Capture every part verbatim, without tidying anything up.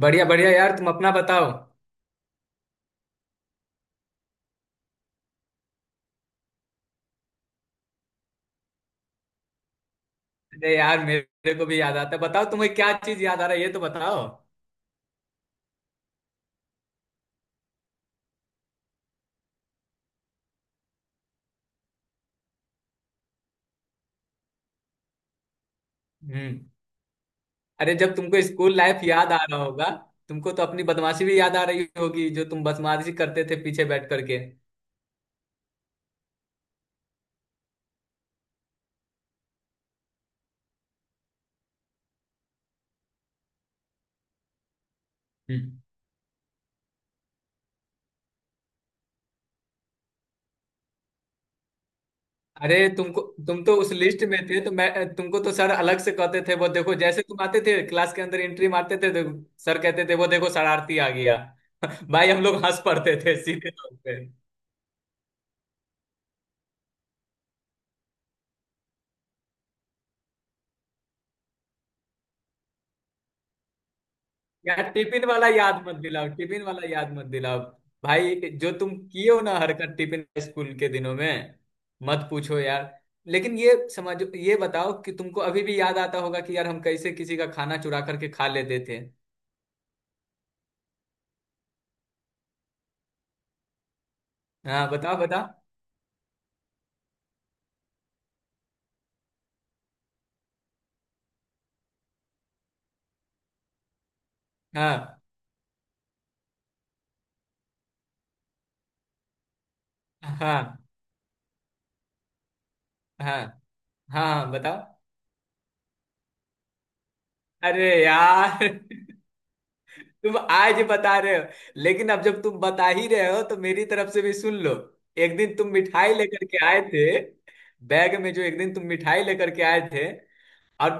बढ़िया बढ़िया यार, तुम अपना बताओ। अरे यार, मेरे को भी याद आता है। बताओ तुम्हें क्या चीज याद आ रहा है ये तो बताओ। हम्म। अरे, जब तुमको स्कूल लाइफ याद आ रहा होगा तुमको तो अपनी बदमाशी भी याद आ रही होगी जो तुम बदमाशी करते थे पीछे बैठ करके। हम्म। अरे तुमको, तुम तो उस लिस्ट में थे तो मैं तुमको तो सर अलग से कहते थे, वो देखो जैसे तुम आते थे क्लास के अंदर एंट्री मारते थे तो सर कहते थे, वो देखो शरारती आ गया। भाई हम लोग हंस पड़ते थे सीधे तौर पे। यार टिफिन वाला याद मत दिलाओ, टिफिन वाला याद मत दिलाओ। भाई, जो तुम किए हो ना हरकत टिफिन स्कूल के दिनों में, मत पूछो यार। लेकिन ये समझो, ये बताओ कि तुमको अभी भी याद आता होगा कि यार हम कैसे किसी का खाना चुरा करके खा लेते थे। हाँ बताओ, बताओ। हाँ। हाँ हाँ। हाँ। हाँ, बताओ। अरे यार, तुम आज बता रहे हो। लेकिन अब जब तुम बता ही रहे हो तो मेरी तरफ से भी सुन लो। एक दिन तुम मिठाई लेकर के आए थे, बैग में, जो एक दिन तुम मिठाई लेकर के आए थे, और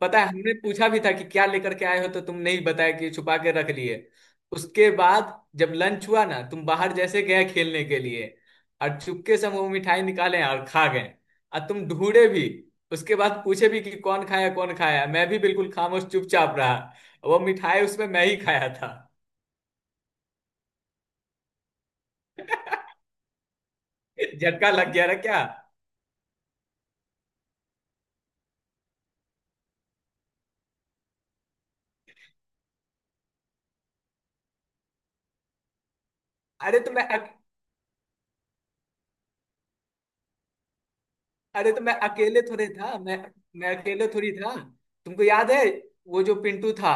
पता है हमने पूछा भी था कि क्या लेकर के आए हो तो तुम नहीं बताया, कि छुपा के रख लिए। उसके बाद जब लंच हुआ ना तुम बाहर जैसे गए खेलने के लिए, और चुपके से हम वो मिठाई निकाले और खा गए। और तुम ढूंढे भी, उसके बाद पूछे भी कि कौन खाया, कौन खाया, मैं भी बिल्कुल खामोश चुपचाप रहा। वो मिठाई उसमें मैं ही खाया था। झटका लग गया ना क्या? अरे तो मैं अक, अरे तो मैं अकेले थोड़े था। मैं मैं अकेले थोड़ी था। तुमको याद है वो जो पिंटू था?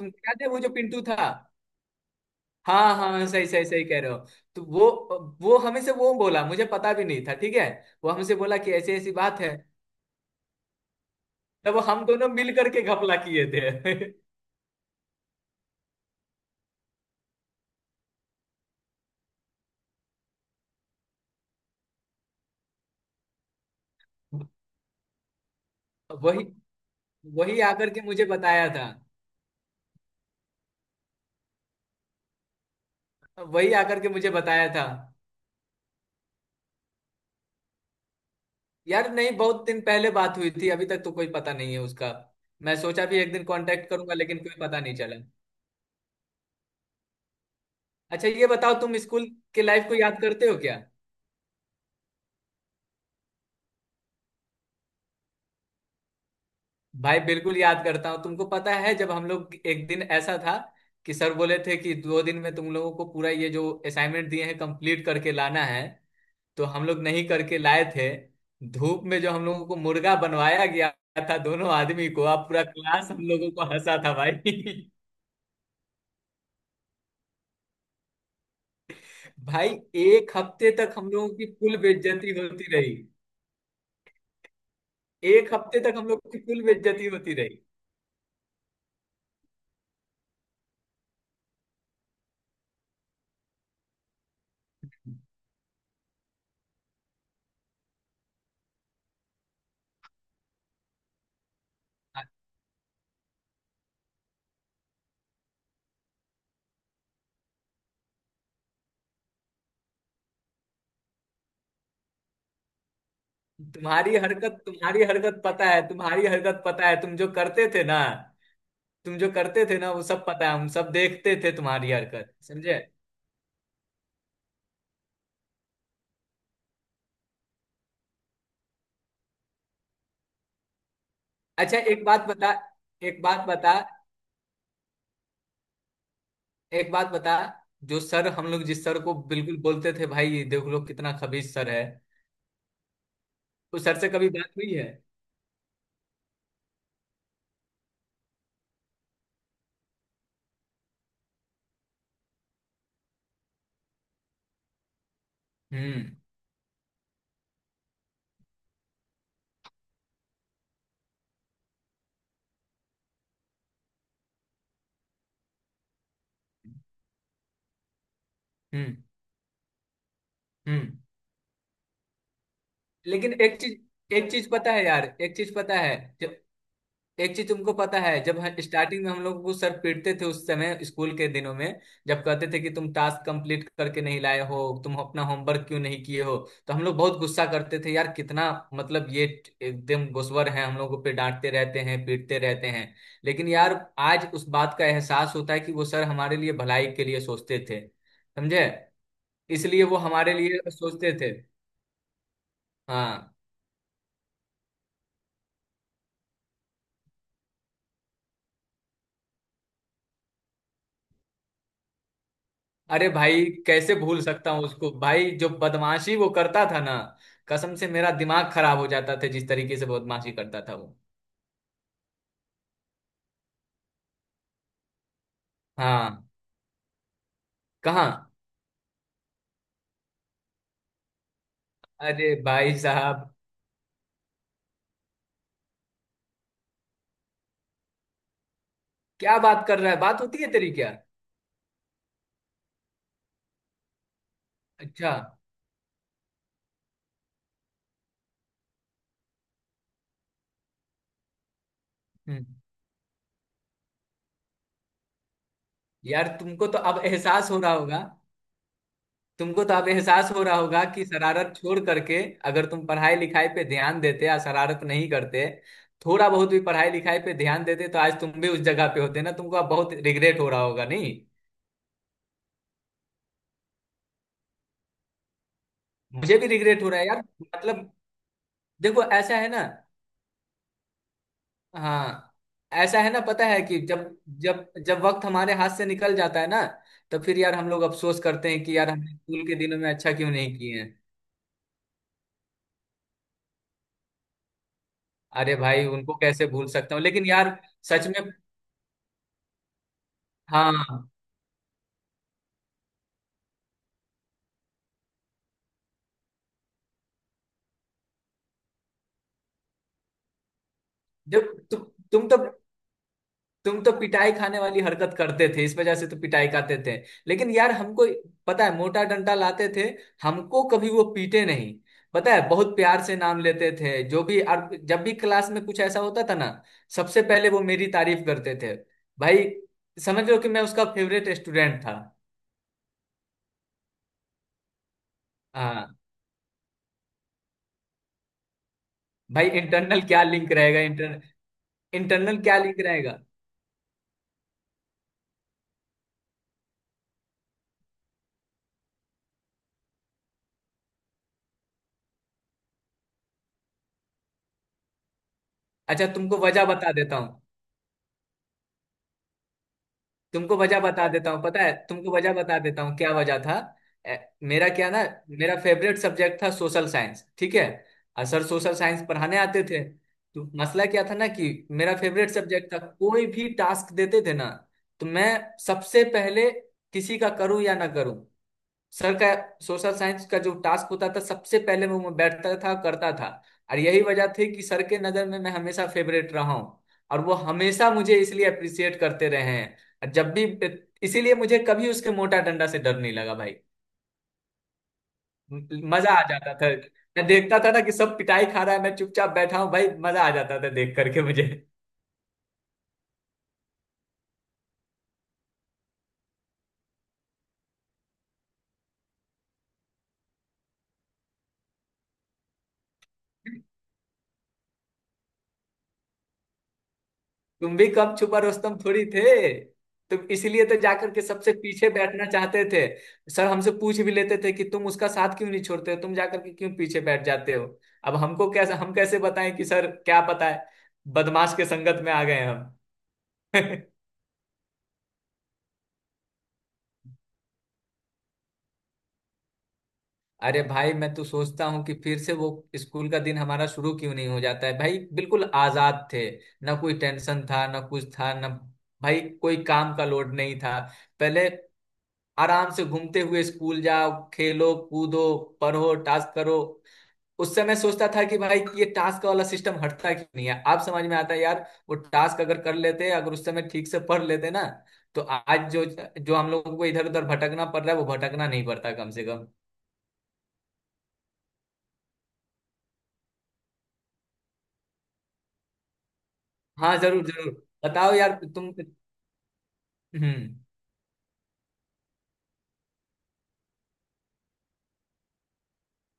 तुमको याद है वो जो पिंटू था? हाँ हाँ हाँ, सही सही सही कह रहे हो। तो वो वो हमें से वो बोला, मुझे पता भी नहीं था ठीक है। वो हमसे बोला कि ऐसी ऐसी बात है। तब वो हम दोनों मिल करके घपला किए थे। वही, वही आकर के मुझे बताया था। वही आकर के मुझे बताया था। यार नहीं, बहुत दिन पहले बात हुई थी, अभी तक तो कोई पता नहीं है उसका। मैं सोचा भी एक दिन कांटेक्ट करूंगा, लेकिन कोई पता नहीं चला। अच्छा ये बताओ, तुम स्कूल के लाइफ को याद करते हो क्या? भाई बिल्कुल याद करता हूँ। तुमको पता है, जब हम लोग एक दिन ऐसा था कि सर बोले थे कि दो दिन में तुम लोगों को पूरा ये जो असाइनमेंट दिए हैं कंप्लीट करके लाना है, तो हम लोग नहीं करके लाए थे। धूप में जो हम लोगों को मुर्गा बनवाया गया था दोनों आदमी को, आप पूरा क्लास हम लोगों को हंसा था भाई। भाई, एक हफ्ते तक हम लोगों की कुल बेइज्जती होती रही। एक हफ्ते तक हम लोग की कुल बेइज्जती होती रही। तुम्हारी हरकत, तुम्हारी हरकत पता है, तुम्हारी हरकत पता है, तुम जो करते थे ना, तुम जो करते थे ना वो सब पता है। हम सब देखते थे तुम्हारी हरकत, समझे। अच्छा एक बात बता, एक बात बता, एक बात बता, जो सर हम लोग जिस सर को बिल्कुल बोलते थे भाई देख लो कितना खबीज सर है, उस सर से कभी बात हुई है? हम्म। हम्म। हम्म। लेकिन एक चीज, एक चीज पता है यार, एक चीज पता है, जो एक चीज तुमको पता है, जब स्टार्टिंग में हम लोग को सर पीटते थे उस समय स्कूल के दिनों में, जब कहते थे कि तुम टास्क कंप्लीट करके नहीं लाए हो, तुम अपना होमवर्क क्यों नहीं किए हो, तो हम लोग बहुत गुस्सा करते थे यार, कितना, मतलब ये, एकदम गुस्वर है, हम लोगों पे डांटते रहते हैं, पीटते रहते हैं। लेकिन यार आज उस बात का एहसास होता है कि वो सर हमारे लिए भलाई के लिए सोचते थे, समझे। इसलिए वो हमारे लिए सोचते थे। हाँ। अरे भाई, कैसे भूल सकता हूँ उसको। भाई, जो बदमाशी वो करता था ना, कसम से मेरा दिमाग खराब हो जाता था जिस तरीके से बदमाशी करता था वो। हाँ। कहाँ? अरे भाई साहब! क्या बात कर रहा है? बात होती है तेरी क्या? अच्छा। हम्म। यार तुमको तो अब एहसास हो रहा होगा, तुमको तो अब एहसास हो रहा होगा कि शरारत छोड़ करके, अगर तुम पढ़ाई लिखाई पे ध्यान देते या शरारत नहीं करते, थोड़ा बहुत भी पढ़ाई लिखाई पे ध्यान देते तो आज तुम भी उस जगह पे होते ना, तुमको अब बहुत रिग्रेट हो रहा होगा नहीं? मुझे भी रिग्रेट हो रहा है यार, मतलब देखो, ऐसा है ना। हाँ। ऐसा है ना, पता है कि जब जब जब वक्त हमारे हाथ से निकल जाता है ना, तो फिर यार हम लोग अफसोस करते हैं कि यार हमने स्कूल के दिनों में अच्छा क्यों नहीं किए हैं। अरे भाई, उनको कैसे भूल सकता हूँ, लेकिन यार, सच में। हाँ। जब तु, तुम तो तुम तो पिटाई खाने वाली हरकत करते थे, इस वजह से तो पिटाई खाते थे। लेकिन यार हमको, पता है मोटा डंडा लाते थे, हमको कभी वो पीटे नहीं। पता है, बहुत प्यार से नाम लेते थे जो भी, और जब भी क्लास में कुछ ऐसा होता था ना सबसे पहले वो मेरी तारीफ करते थे भाई। समझ लो कि मैं उसका फेवरेट स्टूडेंट था। हाँ भाई, इंटरनल क्या लिंक रहेगा, इंटर इंटरनल क्या लिंक रहेगा। अच्छा तुमको वजह बता देता हूँ, तुमको वजह बता देता हूँ पता है, तुमको वजह बता देता हूँ क्या वजह था। ए, मेरा क्या ना, मेरा फेवरेट सब्जेक्ट था सोशल साइंस, ठीक है। और सर सोशल साइंस पढ़ाने आते थे। तो मसला क्या था ना कि मेरा फेवरेट सब्जेक्ट था, कोई भी टास्क देते थे ना, तो मैं सबसे पहले, किसी का करूँ या ना करूँ, सर का सोशल साइंस का जो टास्क होता था सबसे पहले वो मैं बैठता था करता था। और यही वजह थी कि सर के नज़र में मैं हमेशा फेवरेट रहा हूँ, और वो हमेशा मुझे इसलिए अप्रिसिएट करते रहे हैं। और जब भी, इसीलिए मुझे कभी उसके मोटा डंडा से डर नहीं लगा भाई। म- मजा आ जाता था। मैं देखता था ना कि सब पिटाई खा रहा है, मैं चुपचाप बैठा हूँ भाई, मजा आ जाता था देख करके मुझे। तुम भी कम छुपा रुस्तम थोड़ी थे, तो इसलिए तो जाकर के सबसे पीछे बैठना चाहते थे। सर हमसे पूछ भी लेते थे कि तुम उसका साथ क्यों नहीं छोड़ते हो, तुम जाकर के क्यों पीछे बैठ जाते हो। अब हमको कैसे हम कैसे बताएं कि सर, क्या पता है, बदमाश के संगत में आ गए हम। अरे भाई, मैं तो सोचता हूँ कि फिर से वो स्कूल का दिन हमारा शुरू क्यों नहीं हो जाता है भाई, बिल्कुल आजाद थे, ना कोई टेंशन था ना कुछ था ना। भाई कोई काम का लोड नहीं था। पहले आराम से घूमते हुए स्कूल जाओ, खेलो कूदो, पढ़ो टास्क करो। उस समय सोचता था कि भाई ये टास्क वाला सिस्टम हटता क्यों नहीं है, अब समझ में आता है यार, वो टास्क अगर कर लेते, अगर उस समय ठीक से पढ़ लेते ना, तो आज जो जो हम लोगों को इधर उधर भटकना पड़ रहा है वो भटकना नहीं पड़ता कम से कम। हाँ जरूर जरूर, बताओ यार तुम। हम्म।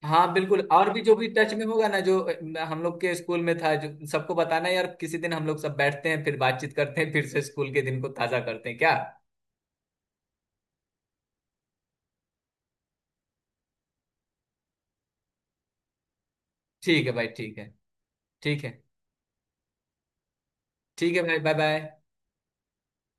हाँ बिल्कुल, और भी जो भी टच में होगा ना, जो अ, हम लोग के स्कूल में था, जो सबको बताना यार, किसी दिन हम लोग सब बैठते हैं फिर बातचीत करते हैं फिर से स्कूल के दिन को ताजा करते हैं क्या? ठीक है भाई, ठीक है। ठीक है। ठीक है भाई, बाय बाय।